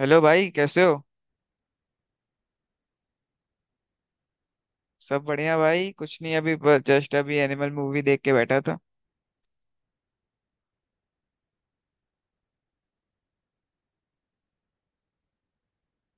Hello भाई, कैसे हो। सब बढ़िया भाई, कुछ नहीं अभी। जस्ट अभी एनिमल मूवी देख के बैठा था।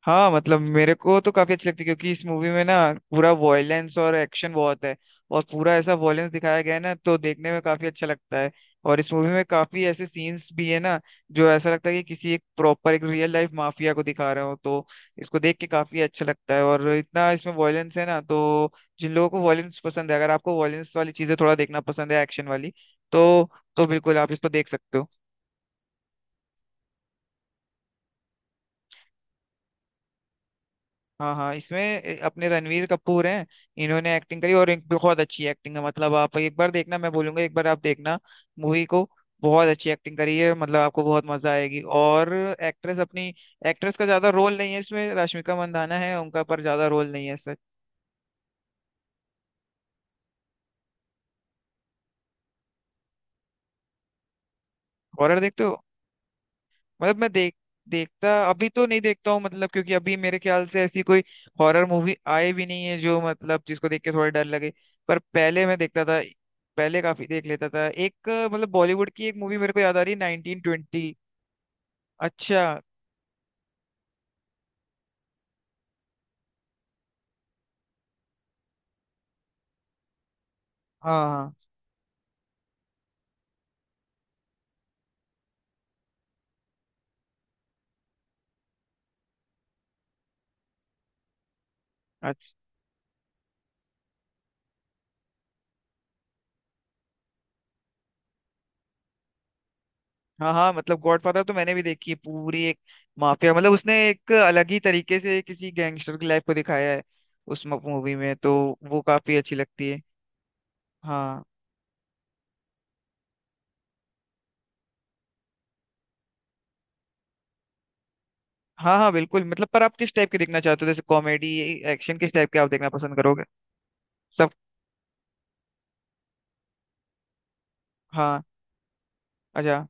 हाँ, मतलब मेरे को तो काफी अच्छी लगती है, क्योंकि इस मूवी में ना पूरा वॉयलेंस और एक्शन बहुत है। और पूरा ऐसा वॉयलेंस दिखाया गया है ना, तो देखने में काफी अच्छा लगता है। और इस मूवी में काफी ऐसे सीन्स भी है ना, जो ऐसा लगता है कि किसी एक प्रॉपर एक रियल लाइफ माफिया को दिखा रहे हो, तो इसको देख के काफी अच्छा लगता है। और इतना इसमें वॉयलेंस है ना, तो जिन लोगों को वॉयलेंस पसंद है, अगर आपको वॉयलेंस वाली चीजें थोड़ा देखना पसंद है एक्शन वाली, तो तो बिल्कुल आप इसको देख सकते हो। हाँ हाँ, इसमें अपने रणवीर कपूर हैं। इन्होंने एक्टिंग करी और एक बहुत अच्छी एक्टिंग है, मतलब आप एक बार देखना, मैं बोलूंगा एक बार आप देखना मूवी को। बहुत अच्छी एक्टिंग करी है, मतलब आपको बहुत मजा आएगी। और एक्ट्रेस का ज्यादा रोल नहीं है इसमें, रश्मिका मंदाना है उनका, पर ज्यादा रोल नहीं है सर। हॉरर देखते हो। मतलब मैं देखता अभी तो नहीं देखता हूँ, मतलब क्योंकि अभी मेरे ख्याल से ऐसी कोई हॉरर मूवी आई भी नहीं है, जो मतलब जिसको देख के थोड़ा डर लगे। पर पहले मैं देखता था। पहले काफी देख लेता था। एक मतलब बॉलीवुड की एक मूवी मेरे को याद आ रही है, 1920। अच्छा। हाँ हाँ। अच्छा। हाँ हाँ, मतलब गॉडफादर तो मैंने भी देखी है पूरी एक। माफिया, मतलब उसने एक अलग ही तरीके से किसी गैंगस्टर की लाइफ को दिखाया है उस मूवी में तो। वो काफी अच्छी लगती है। हाँ हाँ। हाँ बिल्कुल, मतलब पर आप किस टाइप के देखना चाहते हो, जैसे कॉमेडी एक्शन किस टाइप के आप देखना पसंद करोगे। सब। हाँ। अच्छा।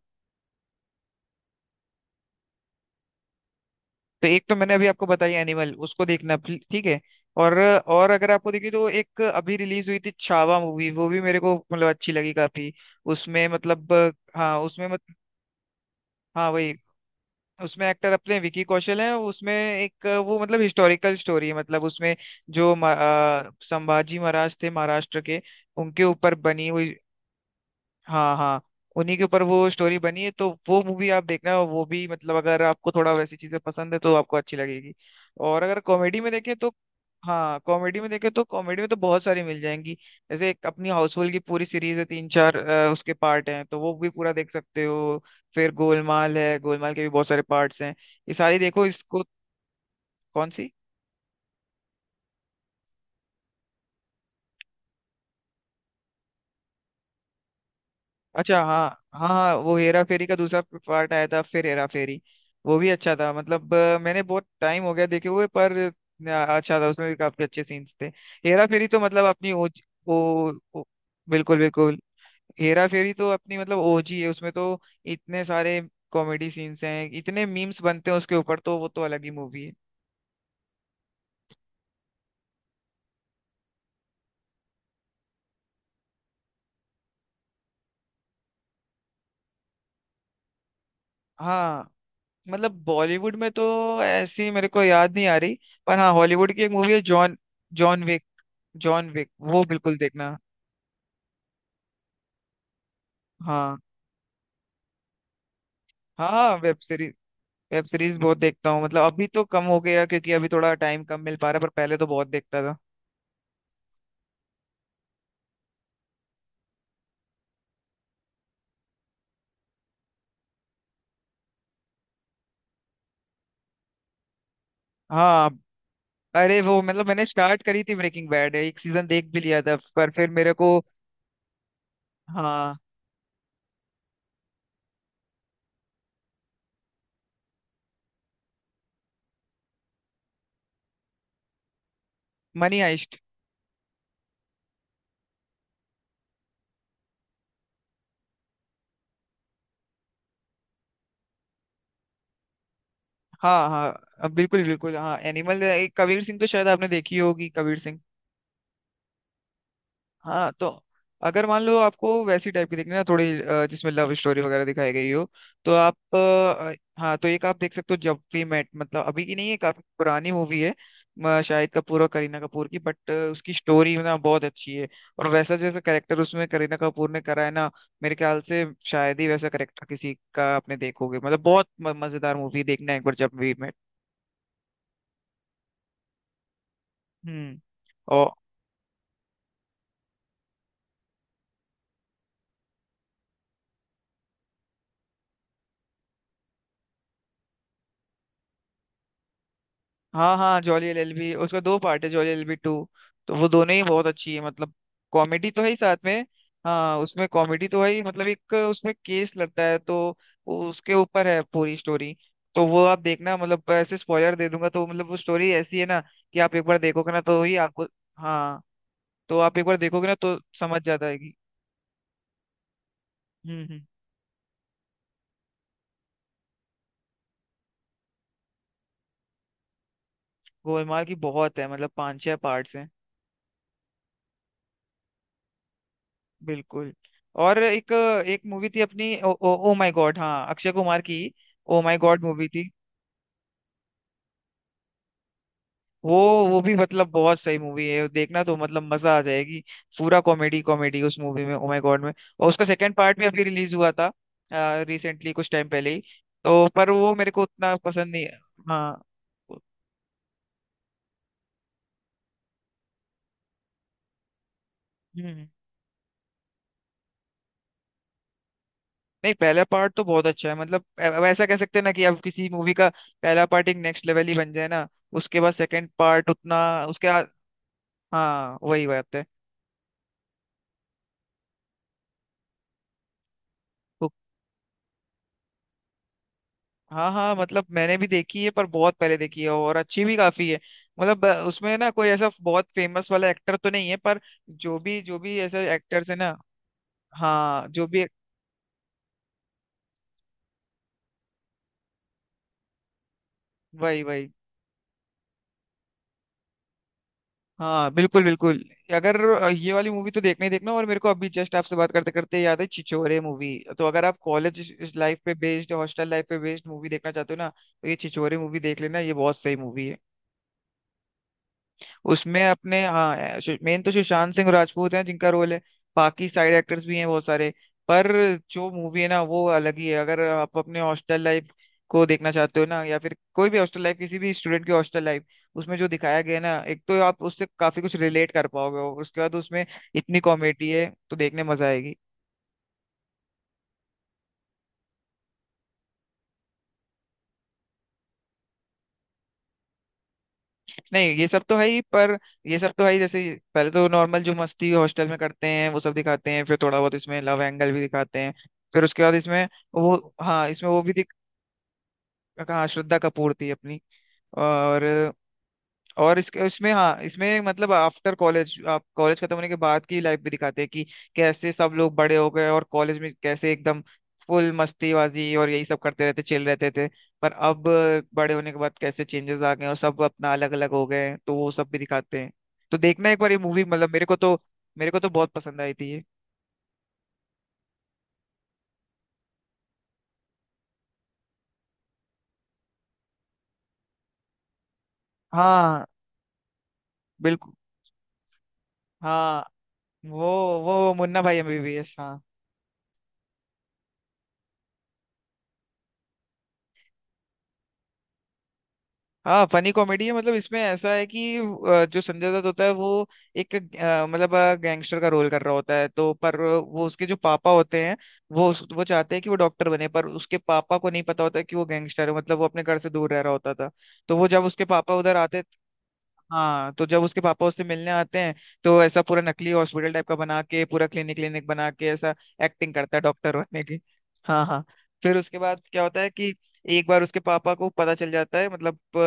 तो एक तो मैंने अभी आपको बताई एनिमल, उसको देखना ठीक है। और अगर आपको देखिए तो एक अभी रिलीज हुई थी छावा मूवी, वो भी मेरे को मतलब अच्छी लगी काफी। उसमें मतलब। हाँ उसमें मत। हाँ वही। उसमें एक्टर अपने विकी कौशल हैं। उसमें एक वो मतलब हिस्टोरिकल स्टोरी है, मतलब उसमें जो संभाजी महाराज थे महाराष्ट्र के, उनके ऊपर बनी हुई। हाँ हाँ। उन्हीं के ऊपर वो स्टोरी बनी है, तो वो मूवी आप देखना, वो भी मतलब अगर आपको थोड़ा वैसी चीजें पसंद है तो आपको अच्छी लगेगी। और अगर कॉमेडी में देखें तो। हाँ कॉमेडी में देखें तो, कॉमेडी में तो बहुत सारी मिल जाएंगी। जैसे एक अपनी हाउसफुल की पूरी सीरीज है, तीन चार उसके पार्ट हैं, तो वो भी पूरा देख सकते हो। फिर गोलमाल है, गोलमाल के भी बहुत सारे पार्ट्स हैं। ये सारी देखो इसको। कौन सी। अच्छा हाँ। हाँ हाँ, वो हेरा फेरी का दूसरा पार्ट आया था फिर, हेरा फेरी। वो भी अच्छा था, मतलब मैंने बहुत टाइम हो गया देखे हुए, पर अच्छा था, उसमें भी काफी अच्छे सीन्स थे। हेरा फेरी तो मतलब अपनी ओ, ओ, ओ बिल्कुल बिल्कुल। हेरा फेरी तो अपनी मतलब OG है उसमें तो। इतने सारे कॉमेडी सीन्स हैं, इतने मीम्स बनते हैं उसके ऊपर, तो वो तो अलग ही मूवी है। हाँ मतलब बॉलीवुड में तो ऐसी मेरे को याद नहीं आ रही। पर हाँ, हॉलीवुड की एक मूवी है John, John Wick. John Wick वो बिल्कुल देखना। हाँ हाँ। वेब सीरीज बहुत देखता हूँ, मतलब अभी तो कम हो गया, क्योंकि अभी थोड़ा टाइम कम मिल पा रहा है, पर पहले तो बहुत देखता था। हाँ। अरे वो मतलब मैंने स्टार्ट करी थी ब्रेकिंग बैड, एक सीजन देख भी लिया था, पर फिर मेरे को। हाँ मनी हाइस्ट। हाँ हाँ बिल्कुल बिल्कुल। हाँ एनिमल एक, कबीर सिंह तो शायद आपने देखी होगी, कबीर सिंह। हाँ तो अगर मान लो आपको वैसी टाइप की देखनी है ना, थोड़ी जिसमें लव स्टोरी वगैरह दिखाई गई हो, तो आप हाँ तो एक आप देख सकते हो, जब वी मेट, मतलब अभी की नहीं है, काफी पुरानी मूवी है। शाहिद कपूर और करीना कपूर की, बट उसकी स्टोरी ना बहुत अच्छी है। और वैसा जैसा करेक्टर उसमें करीना कपूर ने करा है ना, मेरे ख्याल से शायद ही वैसा करेक्टर किसी का आपने देखोगे, मतलब बहुत मजेदार मूवी, देखना एक बार जब वी मेट। हम्म। हाँ हाँ, जॉली LLB, उसका दो पार्ट है, जॉली LLB 2। तो वो दोनों ही बहुत अच्छी है, मतलब कॉमेडी तो है ही साथ में। हाँ उसमें कॉमेडी तो है ही, मतलब एक उसमें केस लड़ता है, तो वो उसके ऊपर है पूरी स्टोरी। तो वो आप देखना, मतलब ऐसे स्पॉइलर दे दूंगा तो मतलब, वो स्टोरी ऐसी है ना कि आप एक बार देखोगे ना तो ही आपको। हाँ तो आप एक बार देखोगे ना, तो समझ जाता है कि। हम्म। गोलमाल की बहुत है, मतलब पांच छह पार्ट्स हैं। बिल्कुल। और एक, एक मूवी थी अपनी ओ माय गॉड, हाँ अक्षय कुमार की। ओ माय गॉड मूवी थी वो। वो भी मतलब बहुत सही मूवी है, देखना तो मतलब मजा आ जाएगी। पूरा कॉमेडी कॉमेडी उस मूवी में, ओ माय गॉड में। और उसका सेकंड पार्ट भी अभी रिलीज हुआ था रिसेंटली, कुछ टाइम पहले ही। तो पर वो मेरे को उतना पसंद नहीं है। हाँ। हम्म। नहीं, पहला पार्ट तो बहुत अच्छा है, मतलब अब ऐसा कह सकते हैं ना कि अब किसी मूवी का पहला पार्ट एक नेक्स्ट लेवल ही बन जाए ना, उसके बाद सेकंड पार्ट उतना। उसके। हाँ वही बात है। वो- हाँ हाँ, मतलब मैंने भी देखी है, पर बहुत पहले देखी है, और अच्छी भी काफी है। मतलब उसमें ना कोई ऐसा बहुत फेमस वाला एक्टर तो नहीं है, पर जो भी ऐसे एक्टर्स है ना। हाँ जो भी। वही वही। हाँ बिल्कुल बिल्कुल। अगर ये वाली मूवी तो देखना ही देखना, और मेरे को अभी जस्ट आपसे बात करते करते याद है छिछोरे मूवी। तो अगर आप कॉलेज लाइफ पे बेस्ड हॉस्टल लाइफ पे बेस्ड मूवी देखना चाहते हो ना, तो ये छिछोरे मूवी देख लेना, ये बहुत सही मूवी है। उसमें अपने, हाँ मेन तो सुशांत सिंह राजपूत हैं, जिनका रोल है। बाकी साइड एक्टर्स भी हैं बहुत सारे। पर जो मूवी है ना वो अलग ही है, अगर आप अपने हॉस्टल लाइफ को देखना चाहते हो ना, या फिर कोई भी हॉस्टल लाइफ, किसी भी स्टूडेंट की हॉस्टल लाइफ, उसमें जो दिखाया गया है ना, एक तो आप उससे काफी कुछ रिलेट कर पाओगे, और उसके बाद उसमें इतनी कॉमेडी है, तो देखने मजा आएगी। नहीं ये सब तो है ही, पर ये सब तो है ही। जैसे पहले तो नॉर्मल जो मस्ती हॉस्टल में करते हैं वो सब दिखाते हैं, फिर थोड़ा बहुत इसमें लव एंगल भी दिखाते हैं, फिर उसके बाद इसमें वो। हाँ इसमें वो भी दिख। हाँ श्रद्धा कपूर थी अपनी। और इसके इसमें, हाँ इसमें मतलब आफ्टर कॉलेज, आप कॉलेज खत्म होने के बाद की लाइफ भी दिखाते हैं, कि कैसे सब लोग बड़े हो गए, और कॉलेज में कैसे एकदम फुल मस्तीबाजी और यही सब करते रहते, चिल रहते थे। पर अब बड़े होने के बाद कैसे चेंजेस आ गए, और सब अपना अलग अलग हो गए हैं, तो वो सब भी दिखाते हैं। तो देखना एक बार ये मूवी, मतलब मेरे को तो बहुत पसंद आई थी ये। हाँ बिल्कुल हाँ। वो वो मुन्ना भाई MBBS। हाँ फनी कॉमेडी है, मतलब इसमें ऐसा है कि जो संजय दत्त होता है वो एक मतलब गैंगस्टर का रोल कर रहा होता है, तो पर वो उसके जो पापा होते हैं वो चाहते हैं कि वो डॉक्टर बने, पर उसके पापा को नहीं पता होता कि वो गैंगस्टर है, मतलब वो अपने घर से दूर रह रहा होता था, तो वो जब उसके पापा उधर आते। हाँ तो जब उसके पापा उससे मिलने आते हैं, तो ऐसा पूरा नकली हॉस्पिटल टाइप का बना के, पूरा क्लिनिक क्लिनिक बना के, ऐसा एक्टिंग करता है डॉक्टर बनने की। हाँ हाँ। फिर उसके बाद क्या होता है कि एक बार उसके पापा को पता चल जाता है, मतलब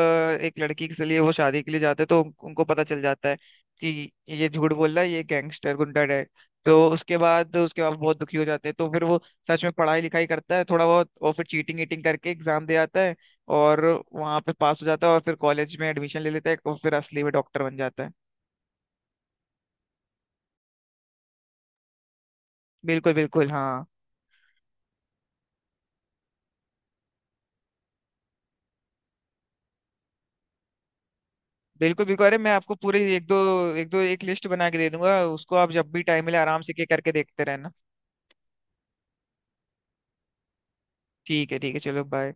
एक लड़की के लिए वो शादी के लिए जाते हैं, तो उनको पता चल जाता है कि ये झूठ बोल रहा है, ये गैंगस्टर गुंडा है। तो उसके बाद उसके पापा बहुत दुखी हो जाते हैं, तो फिर वो सच में पढ़ाई लिखाई करता है थोड़ा बहुत, और फिर चीटिंग ईटिंग करके एग्जाम दे आता है, और वहाँ पे पास हो जाता है, और फिर कॉलेज में एडमिशन ले लेता है, और फिर असली में डॉक्टर बन जाता है। बिल्कुल बिल्कुल हाँ। बिल्कुल बिल्कुल, अरे मैं आपको पूरी एक लिस्ट बना के दे दूंगा, उसको आप जब भी टाइम मिले आराम से के करके देखते रहना। ठीक है ठीक है, चलो बाय।